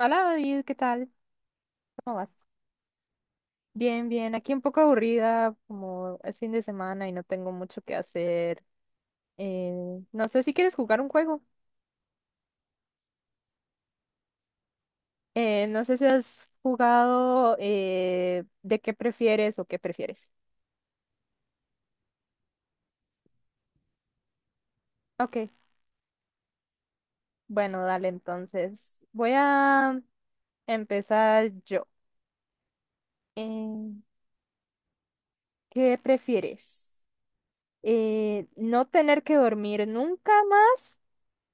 Hola David, ¿qué tal? ¿Cómo vas? Bien, bien. Aquí un poco aburrida, como es fin de semana y no tengo mucho que hacer. Eh, no sé si quieres jugar un juego. No sé si has jugado de qué prefieres o qué prefieres. Ok, bueno, dale entonces. Voy a empezar yo. Eh, ¿Qué prefieres? ¿No tener que dormir nunca más?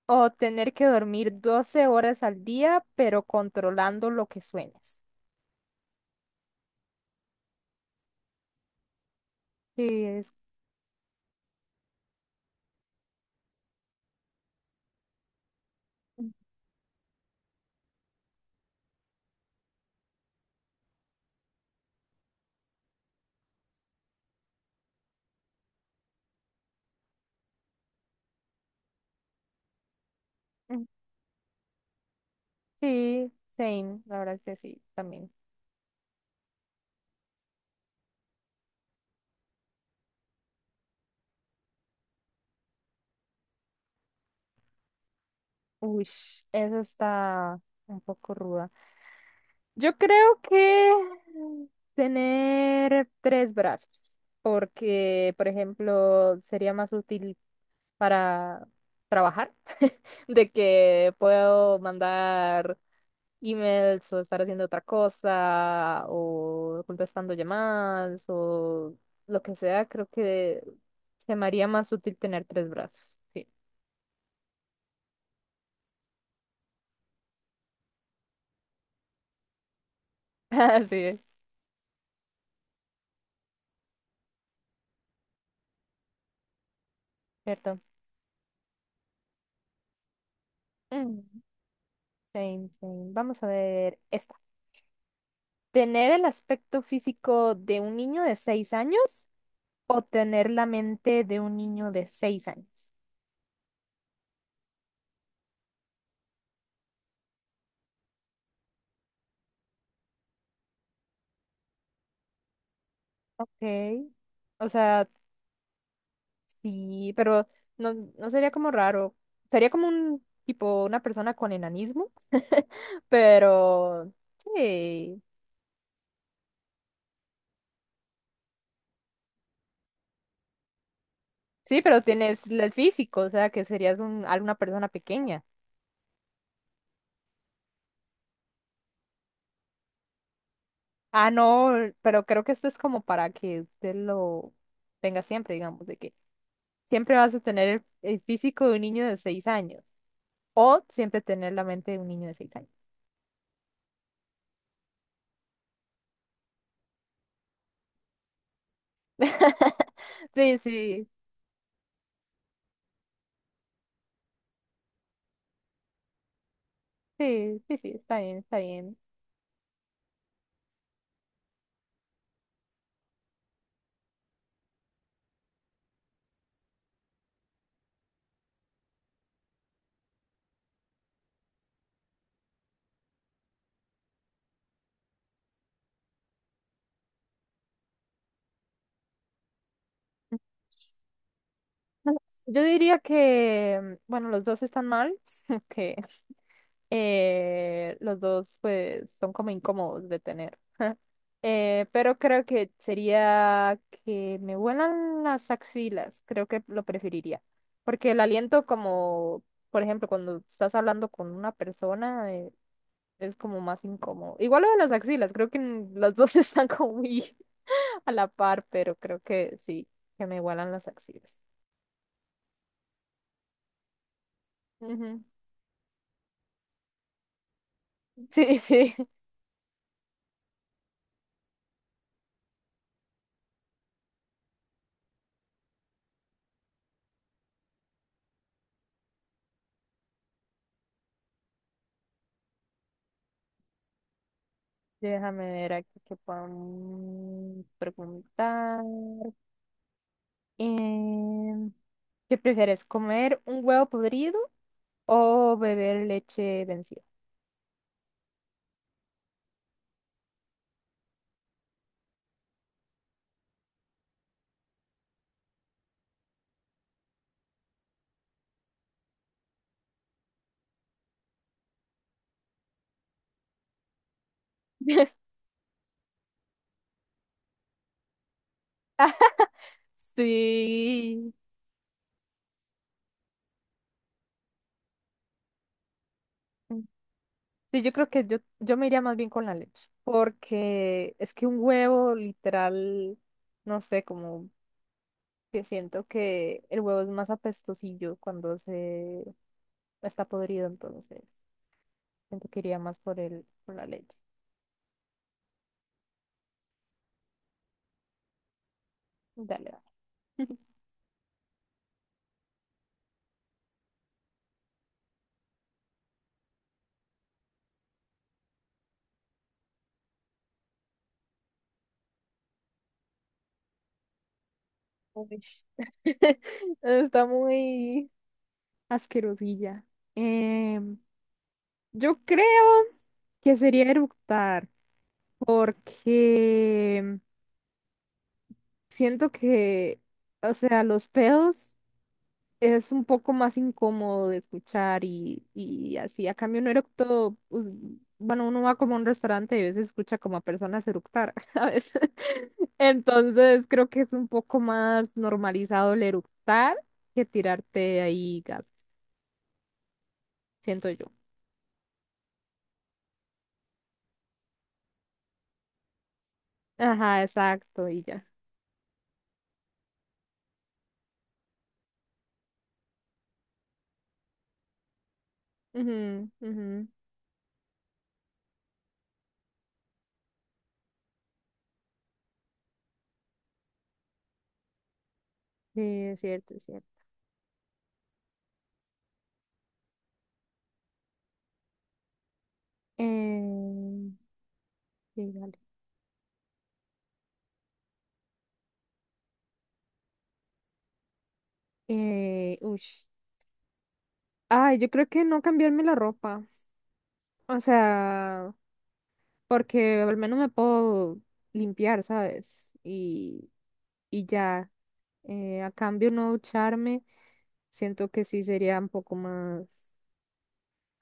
O tener que dormir 12 horas al día, pero controlando lo que sueñas. Sí, es. Mm, sí, same, la verdad que sí, también. Uy, esa está un poco ruda. Yo creo que tener tres brazos, porque, por ejemplo, sería más útil para trabajar, de que puedo mandar emails o estar haciendo otra cosa o contestando llamadas o lo que sea, creo que se me haría más útil tener tres brazos. Sí, así es, cierto. Mm, same, same. Vamos a ver esta. ¿Tener el aspecto físico de un niño de 6 años o tener la mente de un niño de seis años? Ok. O sea, sí, pero no, no sería como raro. Sería como un tipo, una persona con enanismo. Pero sí, sí, pero tienes el físico, o sea, que serías alguna persona pequeña. Ah, no, pero creo que esto es como para que usted lo tenga siempre, digamos, de que siempre vas a tener el físico de un niño de seis años o siempre tener la mente de un niño de seis años. Sí, sí, sí, sí, sí, está bien, está bien. Yo diría que, bueno, los dos están mal, que los dos pues son como incómodos de tener. Pero creo que sería que me huelan las axilas, creo que lo preferiría. Porque el aliento como, por ejemplo, cuando estás hablando con una persona, es como más incómodo. Igual lo de las axilas, creo que las dos están como muy a la par, pero creo que sí, que me huelan las axilas. Sí, sí. Déjame ver aquí qué podemos preguntar. Em, ¿Qué prefieres, comer un huevo podrido o beber leche vencida? Sí. Sí, yo creo que yo me iría más bien con la leche, porque es que un huevo literal, no sé, como que siento que el huevo es más apestosillo cuando se está podrido, entonces siento que iría más por la leche. Dale, dale. Uy, está muy asquerosilla. Em, yo creo que sería eructar, porque siento que, o sea, los pedos. Es un poco más incómodo de escuchar y así. A cambio, un eructo, pues, bueno, uno va como a un restaurante y a veces escucha como a personas eructar, ¿sabes? Entonces, creo que es un poco más normalizado el eructar que tirarte ahí gas, siento yo. Ajá, exacto, y ya. Ujú, ujú. Sí, es cierto, es cierto. Eh, sí, dale. Ush. Ay, yo creo que no cambiarme la ropa. O sea, porque al menos me puedo limpiar, ¿sabes? Y ya, a cambio no ducharme, siento que sí sería un poco más,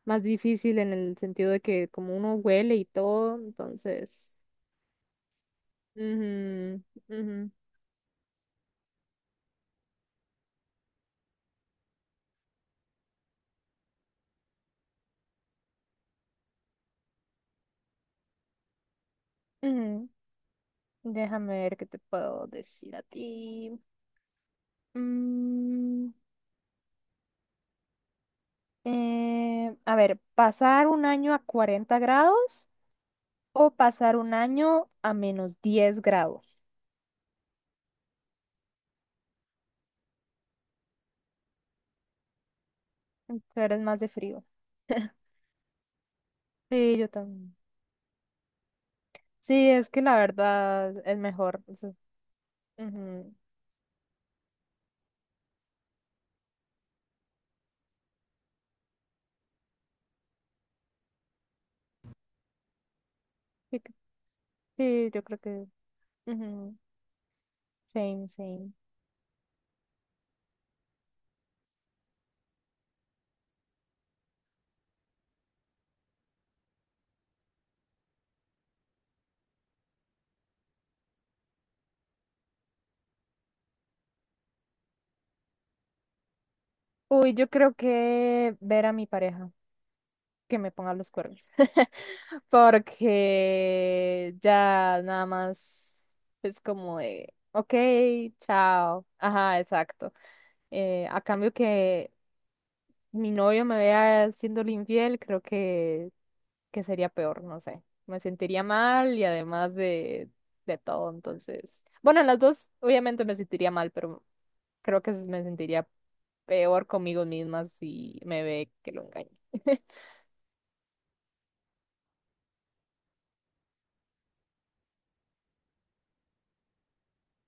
más difícil en el sentido de que como uno huele y todo, entonces... Ujú, ujú, ujú. Déjame ver qué te puedo decir a ti. Mm, a ver, ¿pasar un año a 40 grados o pasar un año a menos 10 grados? Tú eres más de frío. Sí, yo también. Sí, es que la verdad es mejor. Ujú. Sí, sí, yo creo que... Ujú. Same, same. Uy, yo creo que ver a mi pareja que me ponga los cuernos. Porque ya nada más es como de, ok, chao. Ajá, exacto. A cambio que mi novio me vea siendo infiel, creo que sería peor, no sé. Me sentiría mal y además de todo, entonces. Bueno, en las dos, obviamente me sentiría mal, pero creo que me sentiría peor conmigo misma si me ve que lo engaño.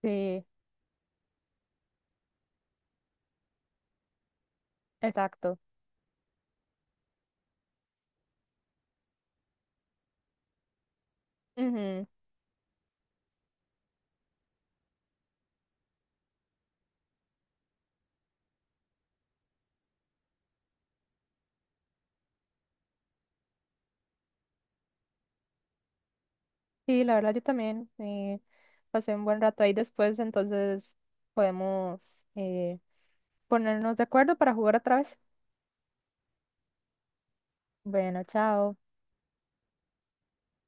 Sí, exacto. Ujú. Sí, la verdad yo también pasé un buen rato ahí después, entonces podemos ponernos de acuerdo para jugar otra vez. Bueno, chao.